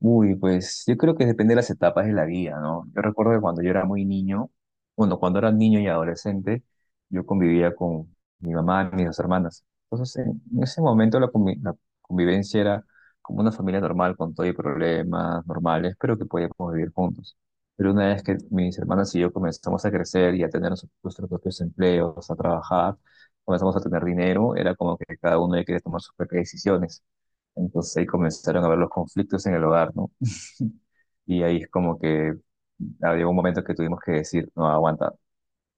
Uy, pues yo creo que depende de las etapas de la vida, ¿no? Yo recuerdo que cuando yo era muy niño, bueno, cuando era niño y adolescente, yo convivía con mi mamá y mis dos hermanas. Entonces, en ese momento la convivencia era como una familia normal, con todo y problemas normales, pero que podíamos vivir juntos. Pero una vez que mis hermanas y yo comenzamos a crecer y a tener nuestros propios empleos, a trabajar, comenzamos a tener dinero, era como que cada uno ya quería tomar sus propias decisiones. Entonces ahí comenzaron a haber los conflictos en el hogar, ¿no? Y ahí es como que había un momento que tuvimos que decir, no, aguanta,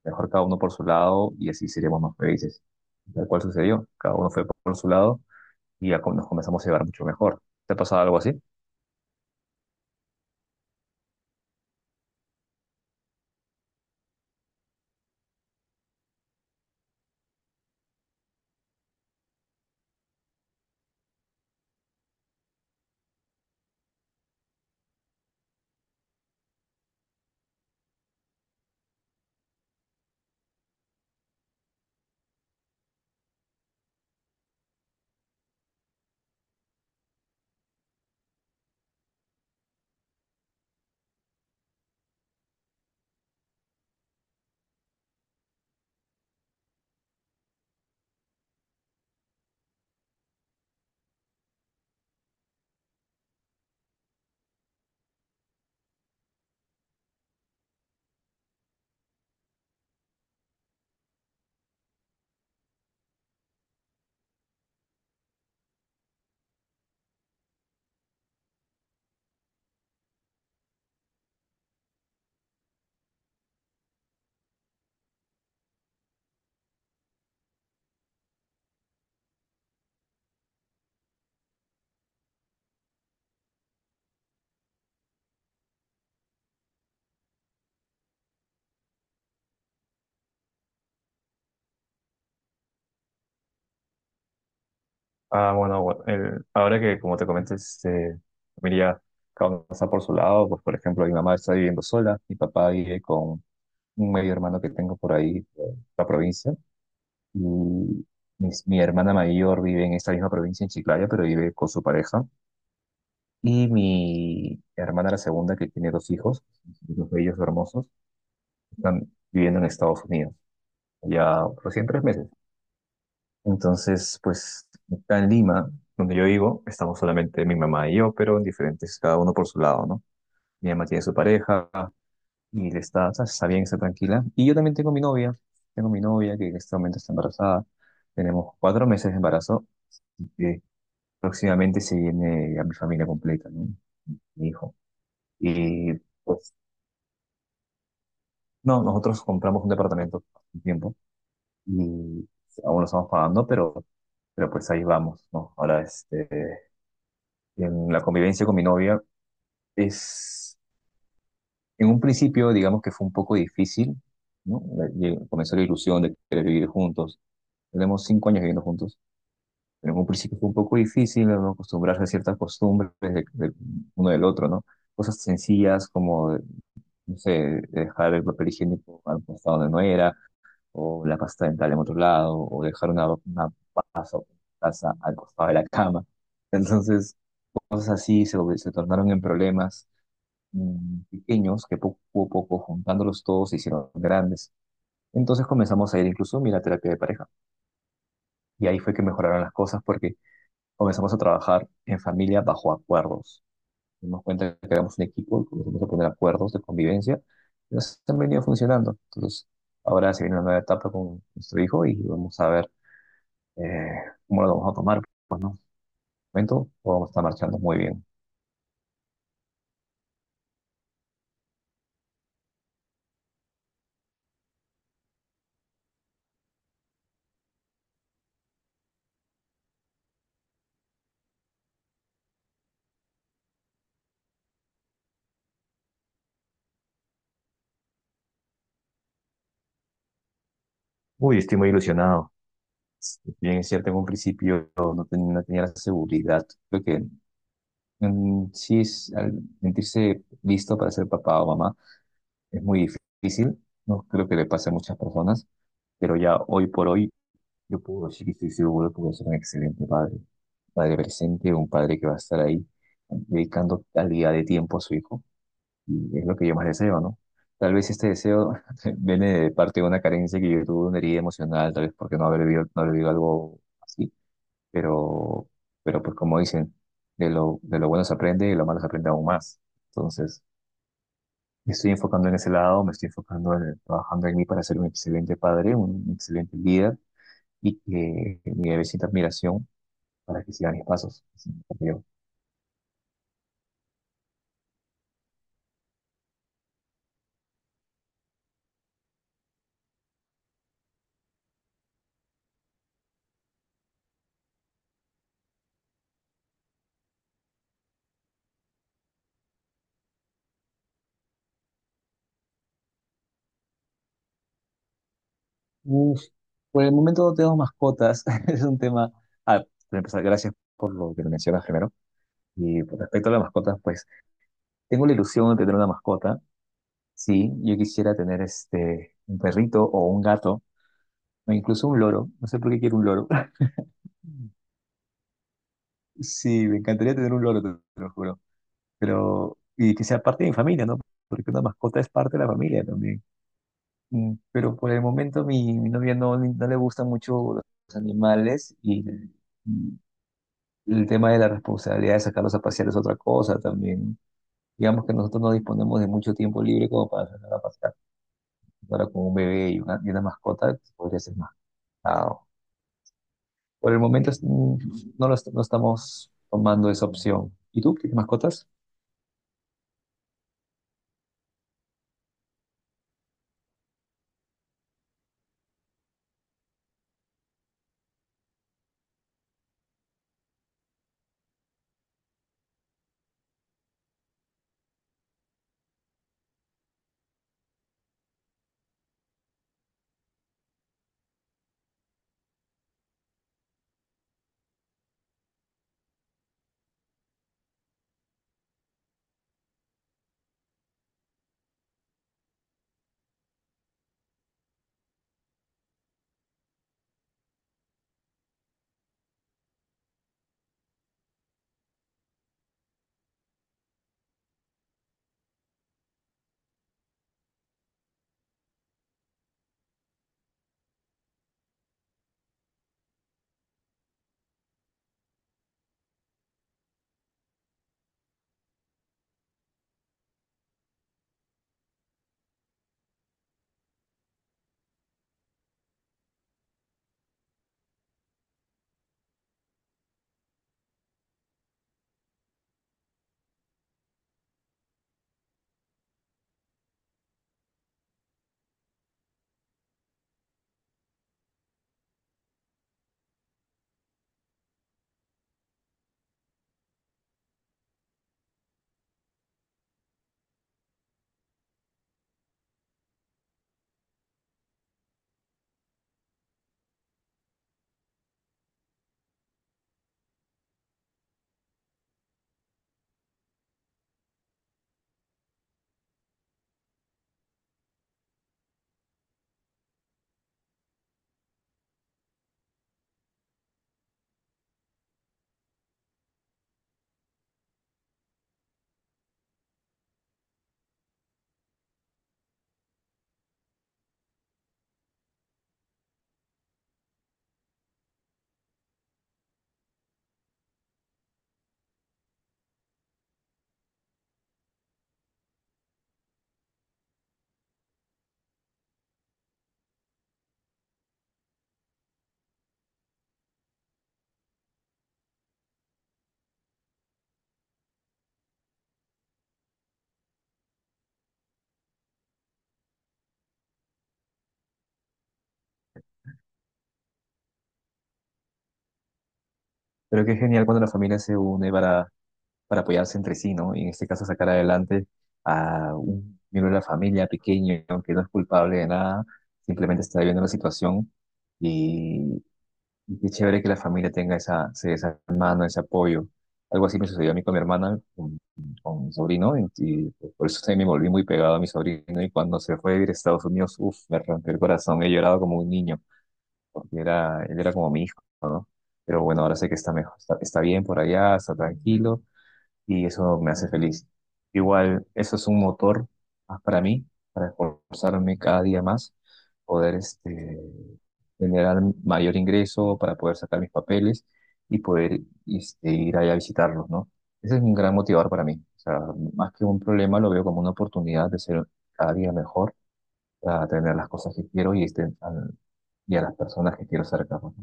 mejor cada uno por su lado y así seríamos más felices. Tal cual sucedió, cada uno fue por su lado y ya nos comenzamos a llevar mucho mejor. ¿Te ha pasado algo así? Ah, bueno, bueno, ahora que como te comenté, mira, cada uno está por su lado, pues por ejemplo, mi mamá está viviendo sola, mi papá vive con un medio hermano que tengo por ahí, en la provincia, y mi hermana mayor vive en esta misma provincia, en Chiclayo, pero vive con su pareja. Y mi hermana, la segunda, que tiene dos hijos, dos bellos, hermosos, están viviendo en Estados Unidos, ya recién 3 meses. Entonces, pues, acá en Lima, donde yo vivo, estamos solamente mi mamá y yo, pero en diferentes, cada uno por su lado, ¿no? Mi mamá tiene su pareja y le está, está bien, está tranquila. Y yo también tengo mi novia que en este momento está embarazada. Tenemos 4 meses de embarazo y que próximamente se viene a mi familia completa, ¿no? Mi hijo. Y pues no, nosotros compramos un departamento hace un tiempo y aún lo estamos pagando, pero pues ahí vamos, ¿no? Ahora, en la convivencia con mi novia es, en un principio, digamos que fue un poco difícil, ¿no? Comenzó la ilusión de querer vivir juntos. Tenemos 5 años viviendo juntos, pero en un principio fue un poco difícil, ¿no? Acostumbrarse a ciertas costumbres de uno del otro, ¿no? Cosas sencillas como, no sé, dejar el papel higiénico al costado donde no era o la pasta dental en otro lado, o dejar una pasta o taza al costado de la cama. Entonces, cosas así se tornaron en problemas pequeños que poco a poco, juntándolos todos, se hicieron grandes. Entonces comenzamos a ir incluso, mira, a terapia de pareja. Y ahí fue que mejoraron las cosas porque comenzamos a trabajar en familia bajo acuerdos. Nos dimos cuenta que éramos un equipo, comenzamos a poner acuerdos de convivencia y nos han venido funcionando. Entonces, ahora se viene una nueva etapa con nuestro hijo y vamos a ver. Eh, ¿Cómo lo vamos a tomar? ¿Por el momento o vamos a estar marchando muy bien? Uy, estoy muy ilusionado. Si bien, es cierto, en un principio no, no tenía la seguridad. Creo que sí, al sentirse listo para ser papá o mamá es muy difícil. No creo que le pase a muchas personas, pero ya hoy por hoy yo puedo decir que estoy seguro que voy a ser un excelente padre. Padre presente, un padre que va a estar ahí dedicando calidad de tiempo a su hijo. Y es lo que yo más deseo, ¿no? Tal vez este deseo viene de parte de una carencia que yo tuve, una herida emocional, tal vez porque no haber vivido, algo así, pero, pero pues como dicen, de lo bueno se aprende y de lo malo se aprende aún más. Entonces, me estoy enfocando en ese lado, me estoy enfocando en trabajando en mí para ser un excelente padre, un excelente líder y que mi bebé admiración para que sigan mis pasos. Uf, por el momento no tenemos mascotas. Es un tema. Ah, para empezar, gracias por lo que me mencionas primero. Y por respecto a las mascotas, pues tengo la ilusión de tener una mascota. Sí, yo quisiera tener un perrito o un gato, o incluso un loro. No sé por qué quiero un loro. Sí, me encantaría tener un loro, te lo juro. Pero, y que sea parte de mi familia, ¿no? Porque una mascota es parte de la familia también. Pero por el momento mi novia no, no le gustan mucho los animales y, el tema de la responsabilidad de sacarlos a pasear es otra cosa también. Digamos que nosotros no disponemos de mucho tiempo libre como para sacar a pasear. Ahora con un bebé y y una mascota pues, podría ser más complicado. Por el momento no, no estamos tomando esa opción. ¿Y tú, tienes mascotas? Pero qué genial cuando la familia se une para apoyarse entre sí, ¿no? Y en este caso sacar adelante a un miembro de la familia pequeño que no es culpable de nada, simplemente está viviendo la situación. Y qué chévere que la familia tenga esa mano, ese apoyo. Algo así me sucedió a mí con mi hermana, con mi sobrino, y por eso también me volví muy pegado a mi sobrino. Y cuando se fue a vivir a Estados Unidos, uff, me rompió el corazón. He llorado como un niño, porque era, él era como mi hijo, ¿no? Pero bueno, ahora sé que está mejor, está, está bien por allá, está tranquilo y eso me hace feliz. Igual, eso es un motor más para mí, para esforzarme cada día más, poder generar mayor ingreso, para poder sacar mis papeles y poder ir allá a visitarlos, ¿no? Ese es un gran motivador para mí. O sea, más que un problema, lo veo como una oportunidad de ser cada día mejor, para tener las cosas que quiero y a las personas que quiero cerca, ¿no?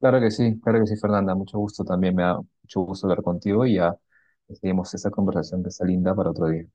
Claro que sí, Fernanda. Mucho gusto también, me da mucho gusto hablar contigo y ya seguimos esta conversación que está linda para otro día.